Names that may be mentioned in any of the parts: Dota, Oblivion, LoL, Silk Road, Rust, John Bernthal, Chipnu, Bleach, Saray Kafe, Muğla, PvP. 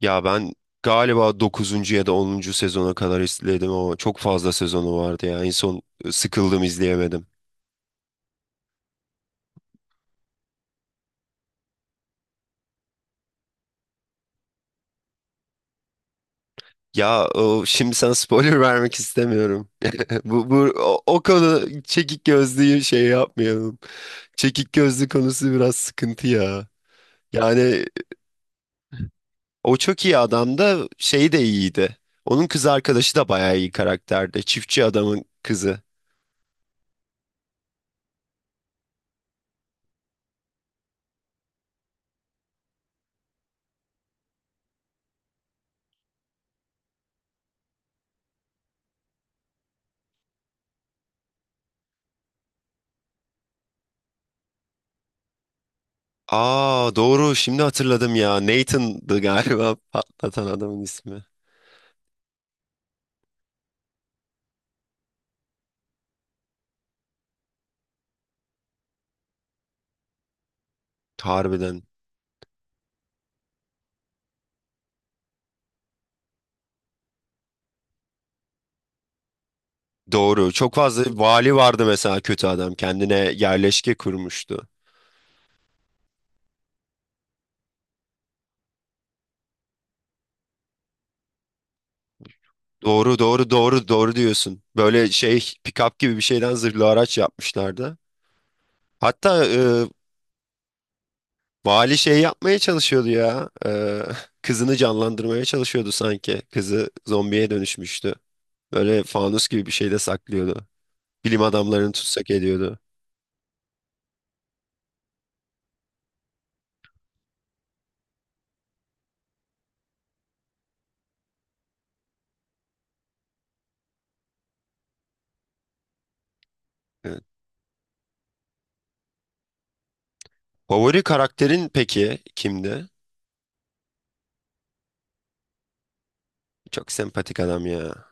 Ya ben galiba dokuzuncu ya da onuncu sezona kadar izledim ama çok fazla sezonu vardı ya. En son sıkıldım izleyemedim. Ya o, şimdi sana spoiler vermek istemiyorum. Bu o konu çekik gözlüyü şey yapmayalım. Çekik gözlü konusu biraz sıkıntı ya. Yani o çok iyi adam da şey de iyiydi. Onun kız arkadaşı da bayağı iyi karakterde, Çiftçi adamın kızı. Aa, doğru, şimdi hatırladım ya. Nathan'dı galiba patlatan adamın ismi. Harbiden. Doğru. Çok fazla vali vardı mesela, kötü adam. Kendine yerleşke kurmuştu. Doğru doğru doğru doğru diyorsun. Böyle şey, pick-up gibi bir şeyden zırhlı araç yapmışlardı. Hatta vali şey yapmaya çalışıyordu ya. E, kızını canlandırmaya çalışıyordu sanki. Kızı zombiye dönüşmüştü. Böyle fanus gibi bir şeyde saklıyordu. Bilim adamlarını tutsak ediyordu. Evet. Favori karakterin peki kimdi? Çok sempatik adam ya.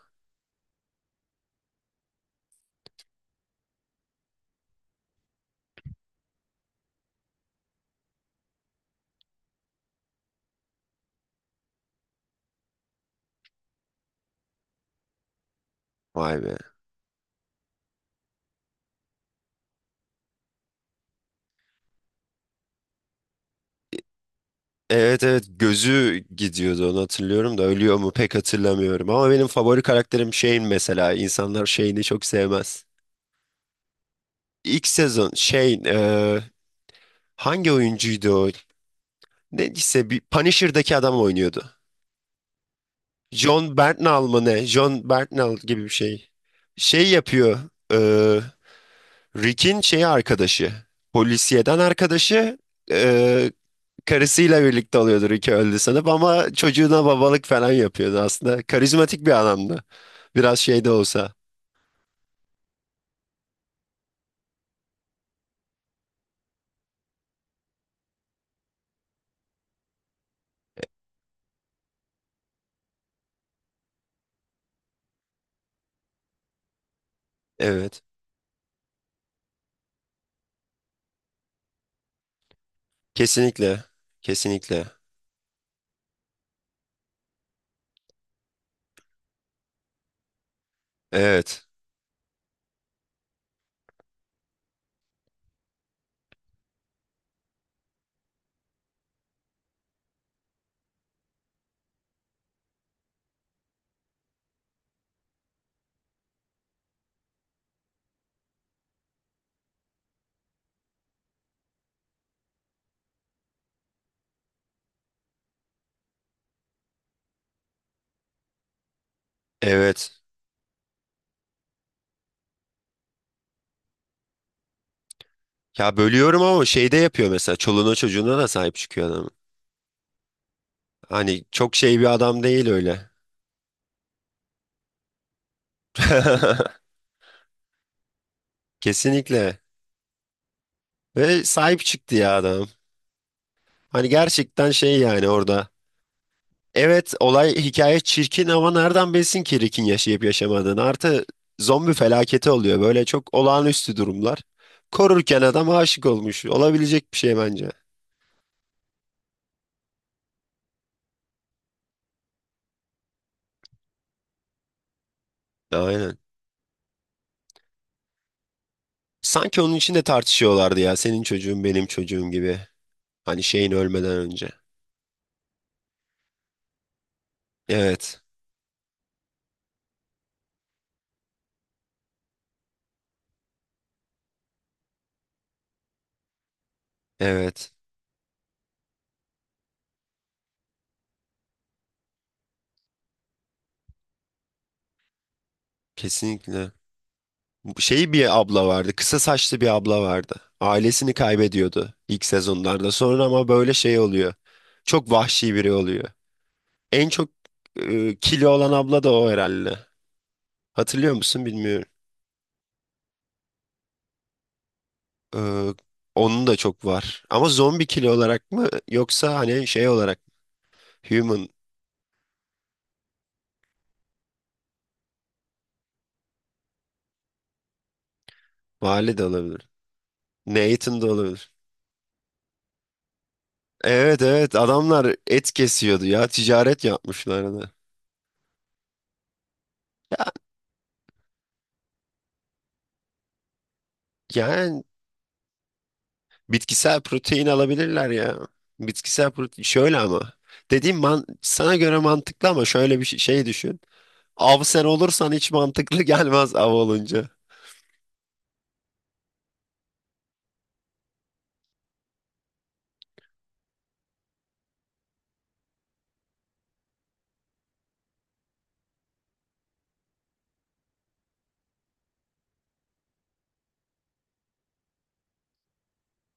Vay be. Evet evet, gözü gidiyordu onu hatırlıyorum da ölüyor mu pek hatırlamıyorum. Ama benim favori karakterim Shane mesela. İnsanlar Shane'i çok sevmez. İlk sezon şey, hangi oyuncuydu o? Neyse, bir Punisher'daki adam oynuyordu. John Bernthal mı ne? John Bernthal gibi bir şey. Şey yapıyor. E, Rick'in şeyi, arkadaşı. Polisiyeden arkadaşı. E, karısıyla birlikte oluyordu, Rick öldü sanıp, ama çocuğuna babalık falan yapıyordu aslında. Karizmatik bir adamdı. Biraz şey de olsa. Evet. Kesinlikle. Kesinlikle. Evet. Evet. Ya, bölüyorum ama şeyde yapıyor mesela. Çoluğuna çocuğuna da sahip çıkıyor adam. Hani çok şey bir adam değil öyle. Kesinlikle. Ve sahip çıktı ya adam. Hani gerçekten şey, yani orada. Evet, olay hikaye çirkin ama nereden bilsin ki Rick'in yaşayıp yaşamadığını. Artı, zombi felaketi oluyor. Böyle çok olağanüstü durumlar. Korurken adam aşık olmuş. Olabilecek bir şey bence. Aynen. Sanki onun için de tartışıyorlardı ya. Senin çocuğun, benim çocuğum gibi. Hani şeyin ölmeden önce. Evet. Evet, kesinlikle. Bu şey, bir abla vardı, kısa saçlı bir abla vardı. Ailesini kaybediyordu ilk sezonlarda. Sonra ama böyle şey oluyor. Çok vahşi biri oluyor. En çok kilo olan abla da o herhalde. Hatırlıyor musun bilmiyorum. Ee, onun da çok var. Ama zombi kilo olarak mı yoksa hani şey olarak mı? Human. Vali de olabilir. Nathan da olabilir. Evet evet, adamlar et kesiyordu ya, ticaret yapmışlardı. Ya, yani bitkisel protein alabilirler ya. Bitkisel protein şöyle ama. Dediğim man sana göre mantıklı ama şöyle bir şey, şey düşün. Av sen olursan hiç mantıklı gelmez av olunca.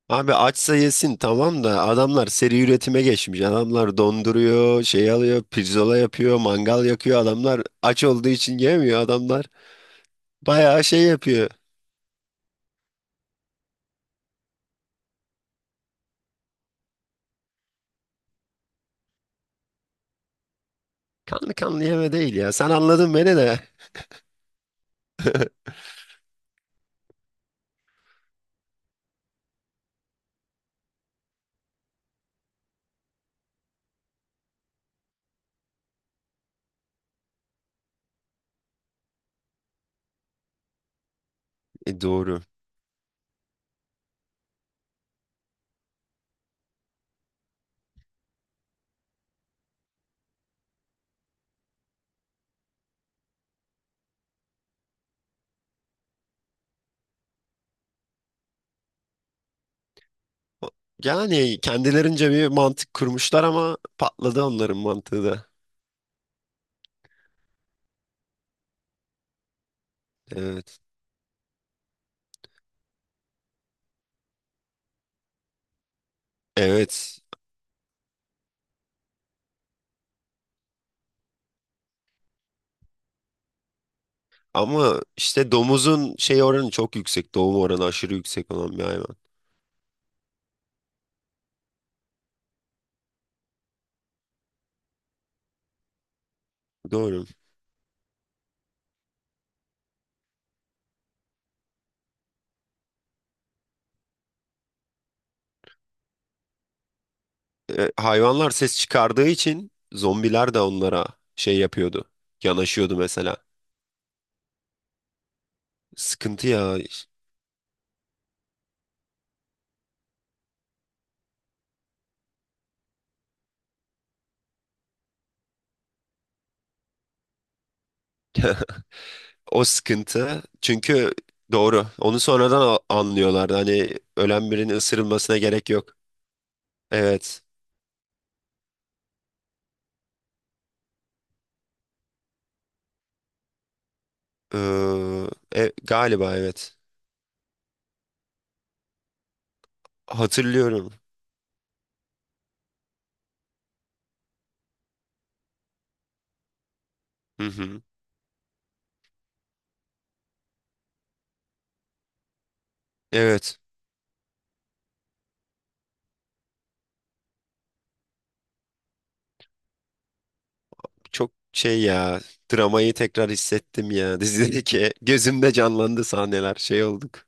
Abi açsa yesin tamam da adamlar seri üretime geçmiş. Adamlar donduruyor, şey alıyor, pirzola yapıyor, mangal yakıyor. Adamlar aç olduğu için yemiyor adamlar. Bayağı şey yapıyor. Kanlı kanlı yeme değil ya. Sen anladın beni de. Doğru. Yani kendilerince bir mantık kurmuşlar ama patladı onların mantığı da. Evet. Evet. Ama işte domuzun şey oranı çok yüksek. Doğum oranı aşırı yüksek olan bir hayvan. Doğru. Hayvanlar ses çıkardığı için zombiler de onlara şey yapıyordu. Yanaşıyordu mesela. Sıkıntı ya. O sıkıntı. Çünkü doğru. Onu sonradan anlıyorlardı. Hani ölen birinin ısırılmasına gerek yok. Evet. Ee, galiba evet. Hatırlıyorum. Hı hı. Evet. Çok şey ya, dramayı tekrar hissettim ya, dizideki gözümde canlandı sahneler, şey olduk.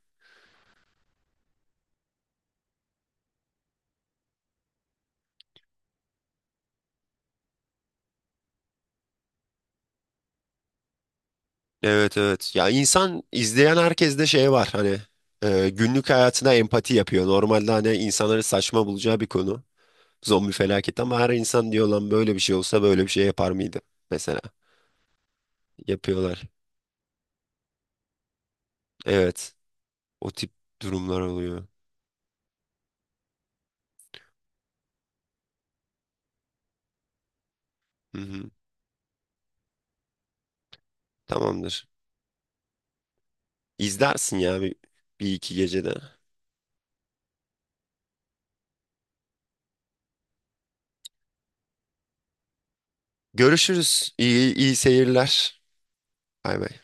Evet evet, ya insan izleyen herkeste şey var, hani günlük hayatına empati yapıyor. Normalde hani insanların saçma bulacağı bir konu, zombi felaketi, ama her insan diyor lan, böyle bir şey olsa böyle bir şey yapar mıydı mesela, yapıyorlar. Evet, o tip durumlar oluyor. Hı hı. Tamamdır, izlersin ya bir iki gecede. Görüşürüz, iyi seyirler. Bay bay.